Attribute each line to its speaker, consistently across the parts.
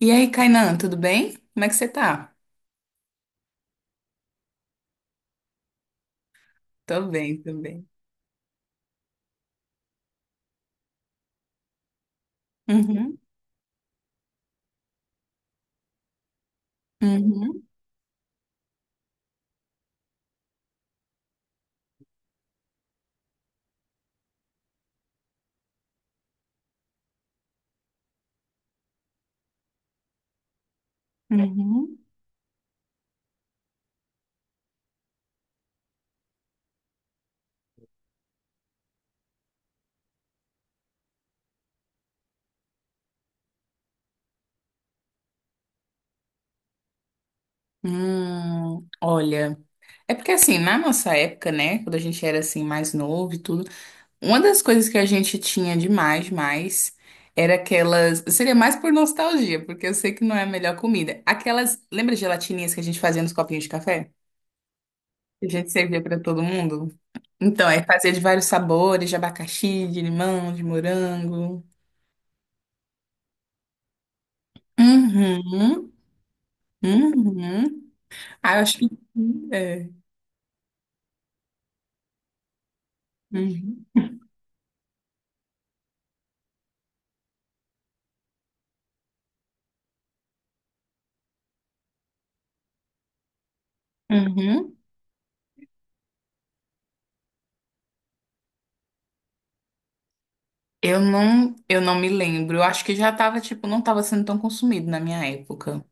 Speaker 1: E aí, Kainan, tudo bem? Como é que você tá? Tô bem, tô bem. Uhum, uhum, uhum. Olha, é porque assim, na nossa época, né, quando a gente era assim mais novo e tudo, uma das coisas que a gente tinha demais, mais, era aquelas, seria mais por nostalgia, porque eu sei que não é a melhor comida. Aquelas, lembra gelatininhas que a gente fazia nos copinhos de café? Que a gente servia pra todo mundo? Então, é fazer de vários sabores, de abacaxi, de limão, de morango. Uhum. Uhum. Ah, eu acho que sim, é. Uhum. Uhum. Eu não me lembro. Eu acho que já tava, tipo, não tava sendo tão consumido na minha época.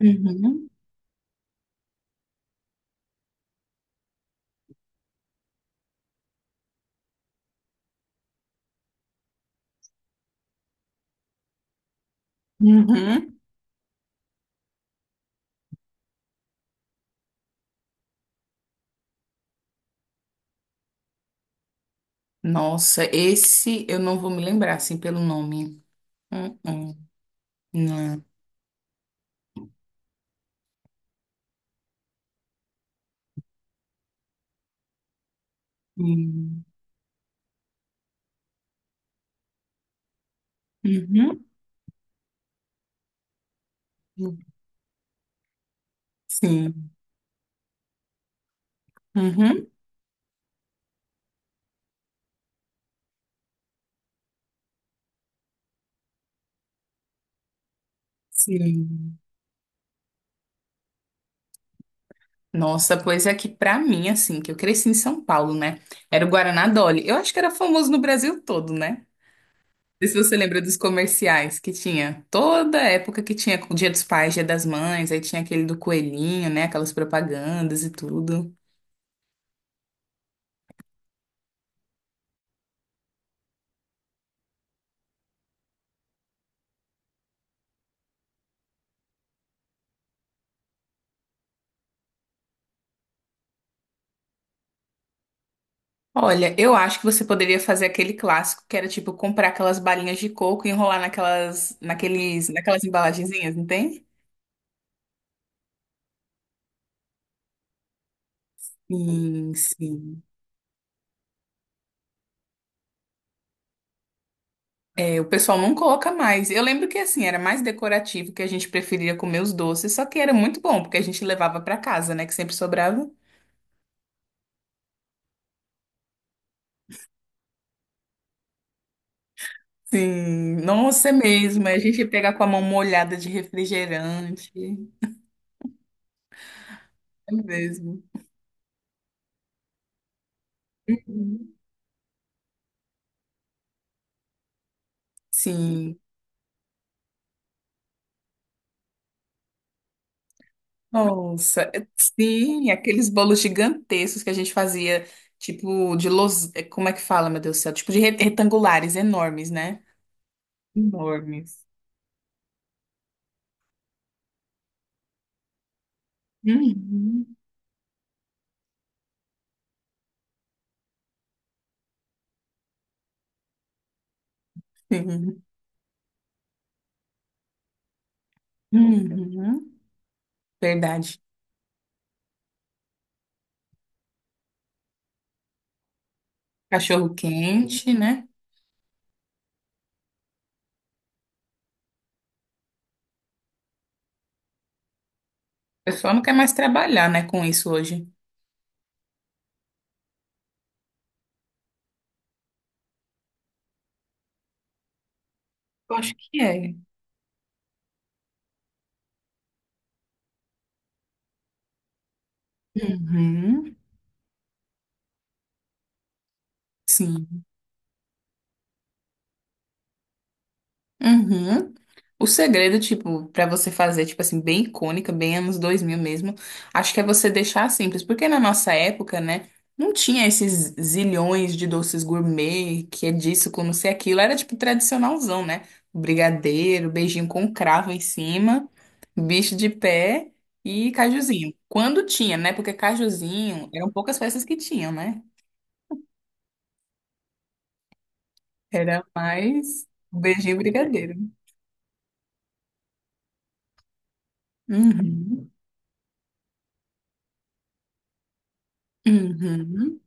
Speaker 1: Uhum. Uhum. Nossa, esse eu não vou me lembrar, assim, pelo nome. Uhum. Não. Uhum. Uhum. Sim. Uhum. Sim. Nossa, pois é que pra mim, assim, que eu cresci em São Paulo, né? Era o Guaraná Dolly. Eu acho que era famoso no Brasil todo, né? Sei se você lembra dos comerciais que tinha. Toda época que tinha o Dia dos Pais, Dia das Mães, aí tinha aquele do coelhinho, né? Aquelas propagandas e tudo. Olha, eu acho que você poderia fazer aquele clássico que era tipo comprar aquelas balinhas de coco e enrolar naquelas, naquelas embalagenzinhas, não tem? Sim, sim. É, o pessoal não coloca mais. Eu lembro que assim, era mais decorativo, que a gente preferia comer os doces, só que era muito bom, porque a gente levava pra casa, né? Que sempre sobrava. Sim, nossa, é mesmo. A gente pega com a mão molhada de refrigerante. É mesmo. Uhum. Sim, nossa, sim, aqueles bolos gigantescos que a gente fazia, tipo de los... É, como é que fala, meu Deus do céu? Tipo de retangulares enormes, né? Enormes. Uhum. Sim. Uhum. Verdade. Cachorro quente, né? O pessoal não quer mais trabalhar, né, com isso hoje. Eu acho que é. Uhum. Sim. Uhum. O segredo, tipo, pra você fazer, tipo assim, bem icônica, bem anos 2000 mesmo, acho que é você deixar simples, porque na nossa época, né, não tinha esses zilhões de doces gourmet, que é disso, com não sei aquilo, era tipo tradicionalzão, né? Brigadeiro, beijinho com cravo em cima, bicho de pé e cajuzinho. Quando tinha, né? Porque cajuzinho, eram poucas peças que tinham, né? Era mais beijinho e brigadeiro. Uhum. Uhum.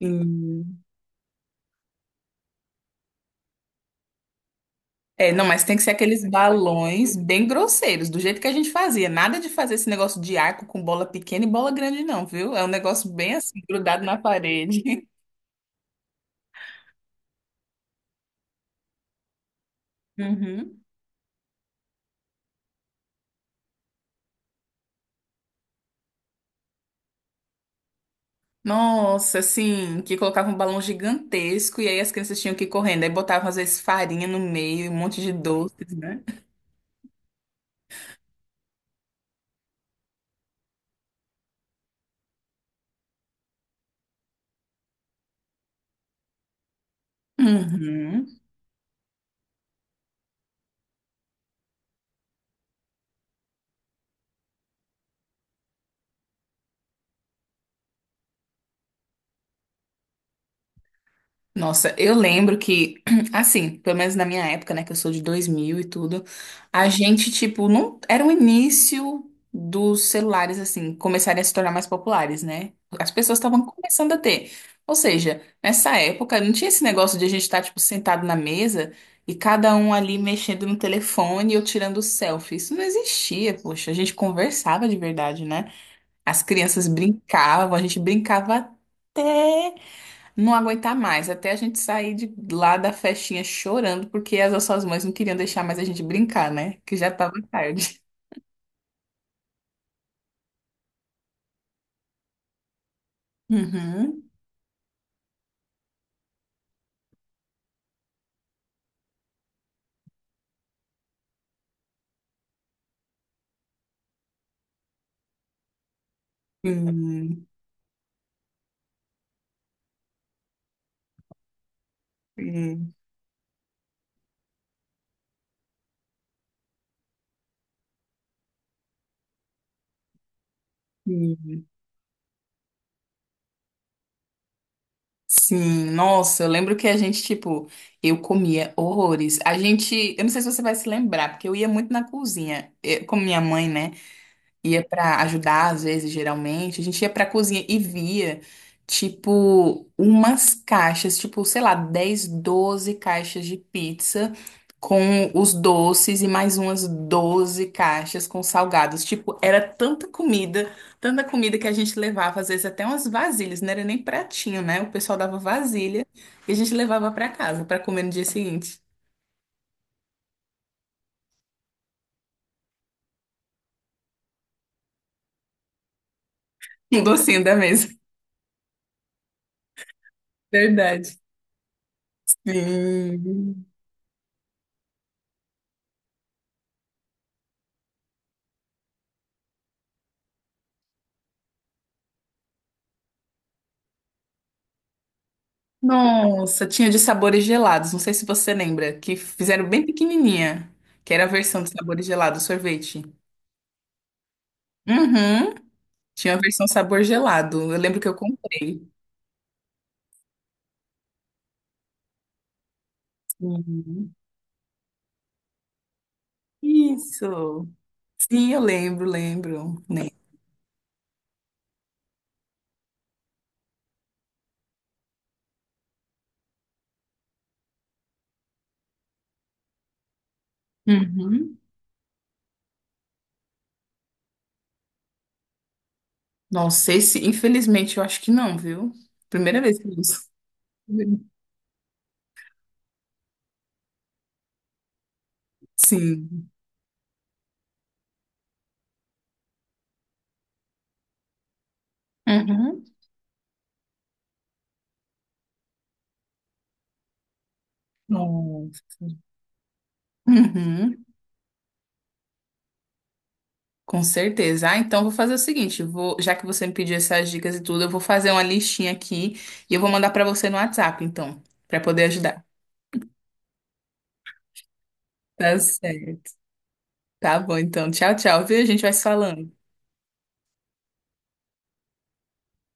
Speaker 1: Sim. É, não, mas tem que ser aqueles balões bem grosseiros, do jeito que a gente fazia. Nada de fazer esse negócio de arco com bola pequena e bola grande, não, viu? É um negócio bem assim, grudado na parede. Uhum. Nossa, assim, que colocava um balão gigantesco e aí as crianças tinham que ir correndo. Aí botavam, às vezes, farinha no meio, um monte de doces, né? Uhum. Nossa, eu lembro que, assim, pelo menos na minha época, né, que eu sou de 2000 e tudo, a gente, tipo, não era o início dos celulares, assim, começarem a se tornar mais populares, né? As pessoas estavam começando a ter. Ou seja, nessa época, não tinha esse negócio de a gente estar, tipo, sentado na mesa e cada um ali mexendo no telefone ou tirando selfie. Isso não existia, poxa, a gente conversava de verdade, né? As crianças brincavam, a gente brincava não aguentar mais, até a gente sair de lá da festinha chorando, porque as nossas mães não queriam deixar mais a gente brincar, né? Que já tava tarde. Uhum. Sim, sim, sim. Sim, nossa, eu lembro que a gente, tipo, eu comia horrores. Eu não sei se você vai se lembrar, porque eu ia muito na cozinha, eu, com minha mãe, né? Ia para ajudar às vezes, geralmente, a gente ia para cozinha e via tipo umas caixas, tipo, sei lá, 10 12 caixas de pizza com os doces e mais umas 12 caixas com salgados. Tipo, era tanta comida que a gente levava às vezes até umas vasilhas, não era nem pratinho, né? O pessoal dava vasilha e a gente levava para casa para comer no dia seguinte. Um docinho da mesa. Verdade. Sim. Nossa, tinha de sabores gelados. Não sei se você lembra, que fizeram bem pequenininha, que era a versão de sabores gelados, sorvete. Uhum. Tinha a versão sabor gelado. Eu lembro que eu comprei. Uhum. Isso. Sim, eu lembro, lembro, né? Uhum. Não sei se, infelizmente, eu acho que não, viu? Primeira vez que eu uso. Sim. Uhum. Nossa. Uhum. Com certeza. Ah, então vou fazer o seguinte, vou, já que você me pediu essas dicas e tudo, eu vou fazer uma listinha aqui e eu vou mandar pra você no WhatsApp, então, pra poder ajudar. Tá certo. Tá bom, então. Tchau, tchau, viu? A gente vai se falando.